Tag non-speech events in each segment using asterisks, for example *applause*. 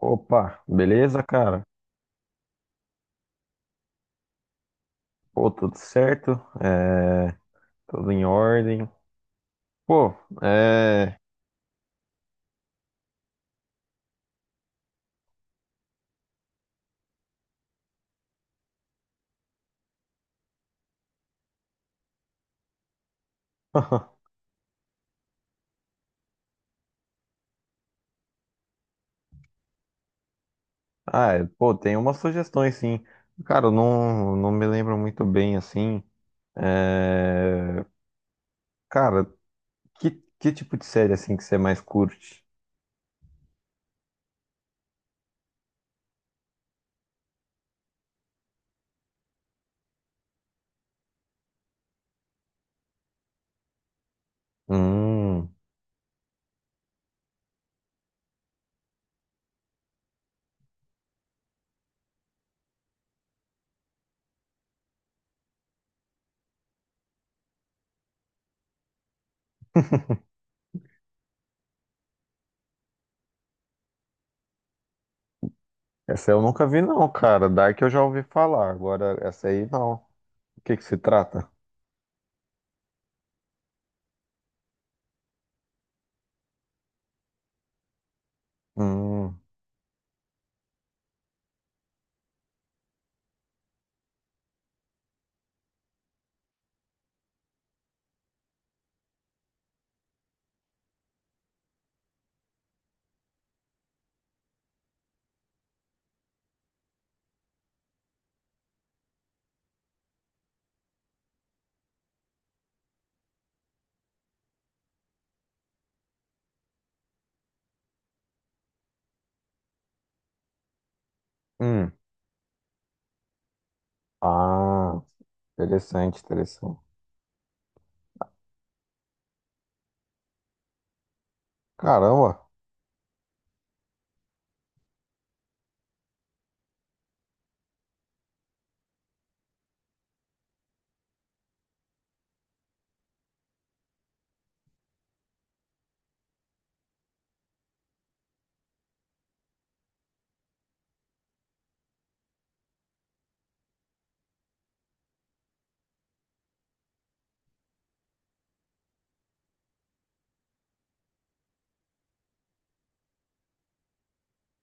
Opa, beleza, cara? Pô, tudo certo? É, tudo em ordem. Pô, é. *laughs* Ah, é, pô, tem umas sugestões, sim. Cara, eu não me lembro muito bem, assim. É, cara, que, que tipo de série, assim, que você mais curte? Hum, essa eu nunca vi, não, cara. Dark eu já ouvi falar, agora essa aí não. O que que se trata? Hum, hum. Ah, interessante, interessante. Caramba.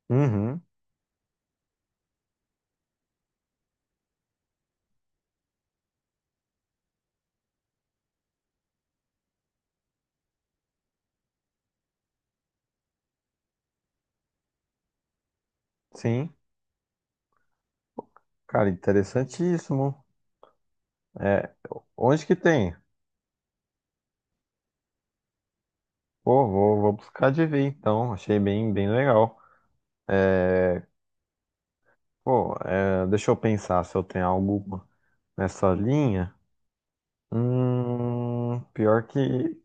Uhum. Sim, cara, interessantíssimo. É, onde que tem? Pô, vou buscar de ver então. Achei bem, bem legal. É, pô, é, deixa eu pensar se eu tenho algo nessa linha. Pior que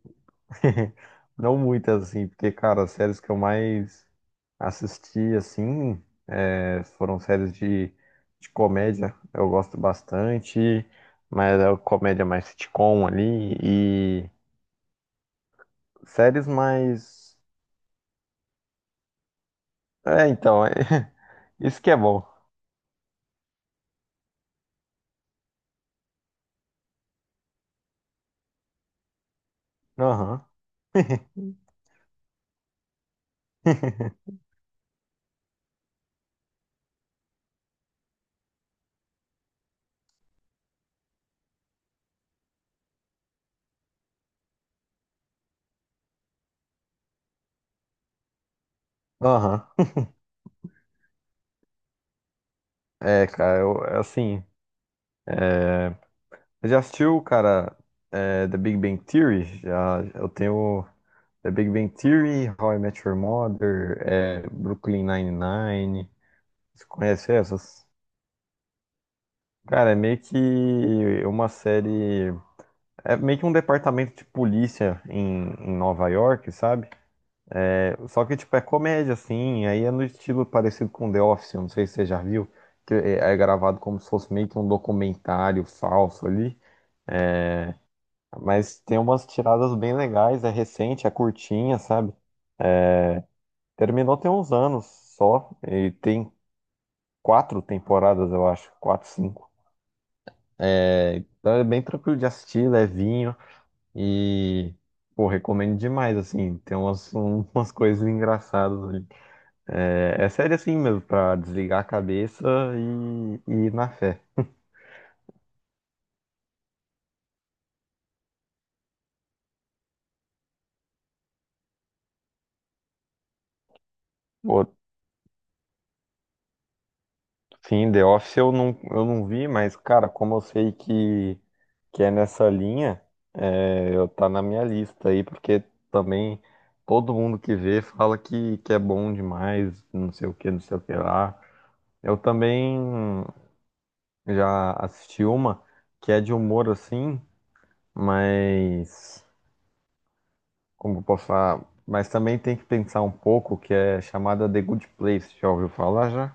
*laughs* não muitas assim, porque, cara, as séries que eu mais assisti assim é, foram séries de comédia. Eu gosto bastante, mas é comédia mais sitcom ali e séries mais. É, então, é... *laughs* isso que é bom. Aham. *laughs* Aham. É, cara, eu, é assim. É... Você já assistiu, cara, é, The Big Bang Theory? Já, eu tenho The Big Bang Theory, How I Met Your Mother, é, Brooklyn Nine-Nine. Você conhece essas? Cara, é meio que uma série. É meio que um departamento de polícia em Nova York, sabe? Só que, tipo, é comédia, assim, aí é no estilo parecido com The Office, eu não sei se você já viu, que é gravado como se fosse meio que um documentário falso ali, mas tem umas tiradas bem legais, é recente, é curtinha, sabe? Terminou tem uns anos só, e tem quatro temporadas, eu acho, quatro, cinco. É, então é bem tranquilo de assistir, levinho, e, pô, recomendo demais, assim, tem umas, *laughs* umas coisas engraçadas ali. É, é série assim mesmo, pra desligar a cabeça e ir na fé. Pô, sim, The Office eu não vi, mas, cara, como eu sei que é nessa linha, é, eu tá na minha lista aí, porque também todo mundo que vê fala que é bom demais, não sei o que, não sei o que lá. Eu também já assisti uma que é de humor assim, mas, como eu posso falar, mas também tem que pensar um pouco que é chamada The Good Place, já ouviu falar já?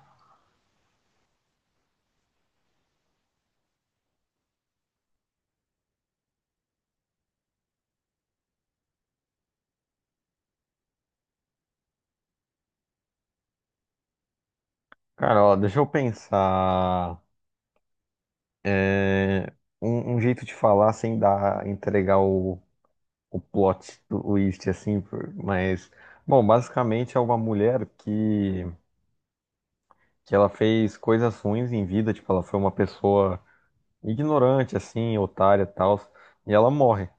Cara, ó, deixa eu pensar é, um jeito de falar sem dar, entregar o plot do twist, assim, por- mas, bom, basicamente é uma mulher que ela fez coisas ruins em vida, tipo, ela foi uma pessoa ignorante, assim, otária e tal, e ela morre.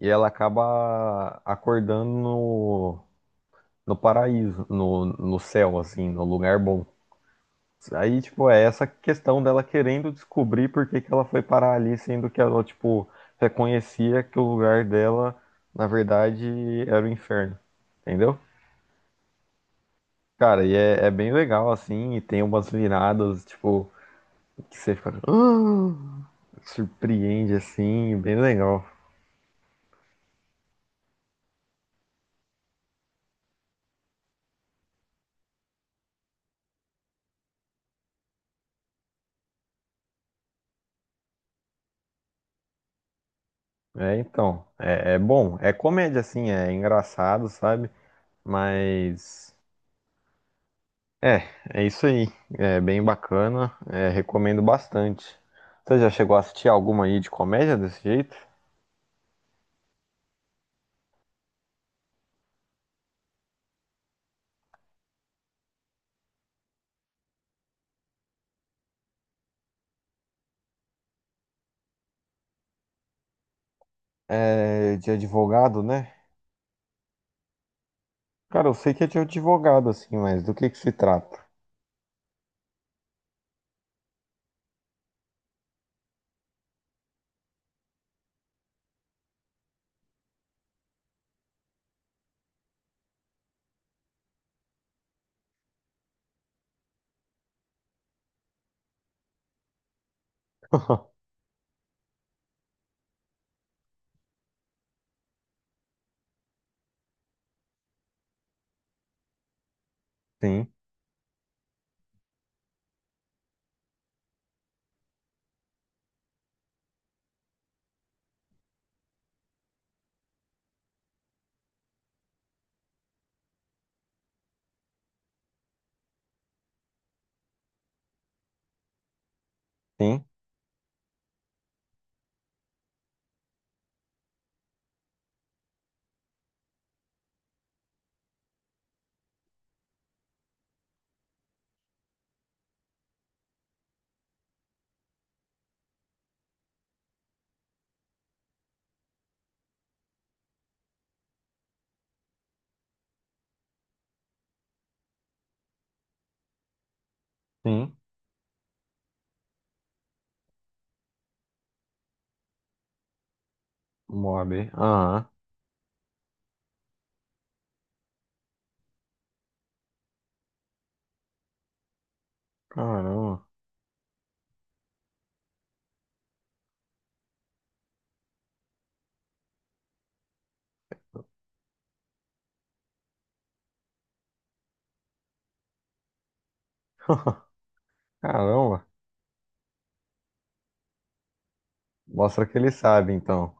E ela acaba acordando no paraíso, no, no céu, assim, no lugar bom. Aí, tipo, é essa questão dela querendo descobrir por que que ela foi parar ali, sendo que ela, tipo, reconhecia que o lugar dela, na verdade, era o inferno. Entendeu? Cara, e é, é bem legal, assim, e tem umas viradas, tipo, que você fica, "Hã?", surpreende, assim, bem legal. É, então, é, é bom, é comédia, assim, é engraçado, sabe? Mas é, é isso aí. É bem bacana, é, recomendo bastante. Você já chegou a assistir alguma aí de comédia desse jeito? É, de advogado, né? Cara, eu sei que é de advogado, assim, mas do que se trata? *laughs* Sim, sim, sim. Moab. Aham. Caramba. *laughs* Caramba. Mostra que ele sabe, então.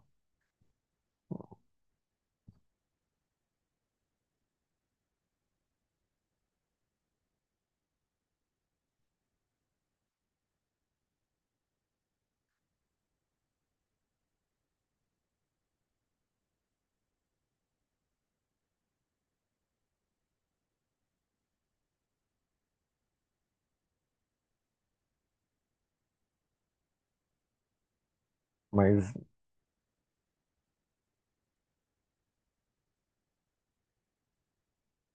Mas,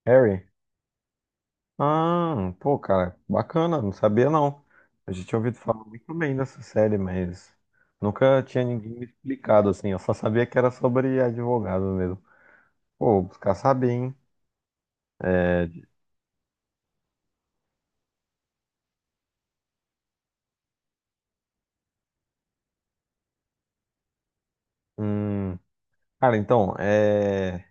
Harry, ah, pô, cara, bacana, não sabia não. A gente tinha ouvido falar muito bem dessa série, mas nunca tinha ninguém me explicado assim. Eu só sabia que era sobre advogado mesmo. Pô, vou buscar saber, hein? É, hum, cara, então, é,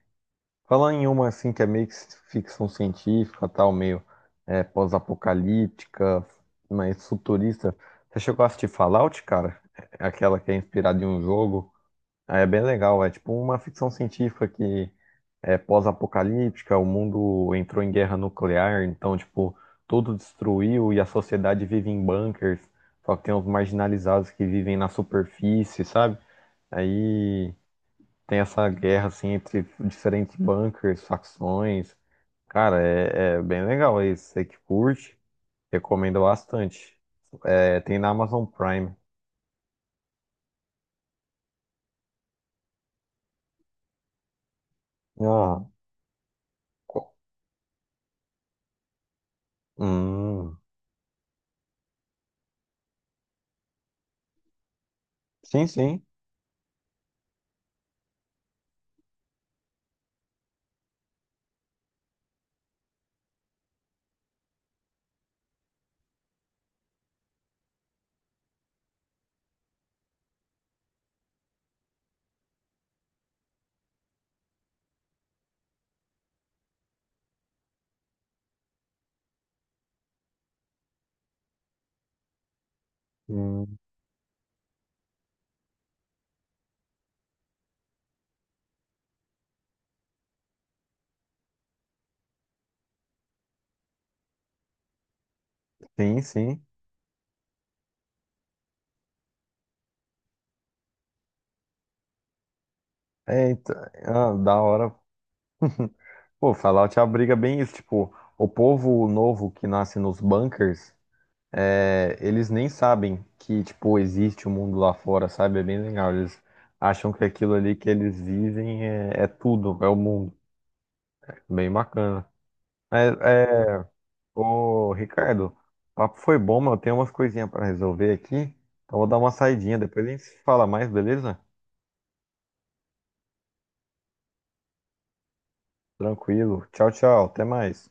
falando em uma assim que é meio que ficção científica, tal, meio é, pós-apocalíptica, mas futurista. Você chegou a assistir Fallout, cara? É aquela que é inspirada em um jogo. Ah, é bem legal, é tipo uma ficção científica que é pós-apocalíptica, o mundo entrou em guerra nuclear, então, tipo, tudo destruiu e a sociedade vive em bunkers, só que tem os marginalizados que vivem na superfície, sabe? Aí tem essa guerra, assim, entre diferentes bunkers, facções. Cara, é, é bem legal isso, você que curte, recomendo bastante. É, tem na Amazon Prime. Ah, co- hum, sim, sim. Sim, sim. É, então, ah, da hora. Pô, Fallout abriga bem isso. Tipo, o povo novo que nasce nos bunkers, é, eles nem sabem que, tipo, existe um mundo lá fora, sabe? É bem legal. Eles acham que aquilo ali que eles vivem é, é tudo, é o mundo. Bem bacana. Mas, é, ô, Ricardo, o papo foi bom, mas eu tenho umas coisinhas pra resolver aqui. Então, vou dar uma saidinha. Depois a gente se fala mais, beleza? Tranquilo. Tchau, tchau. Até mais.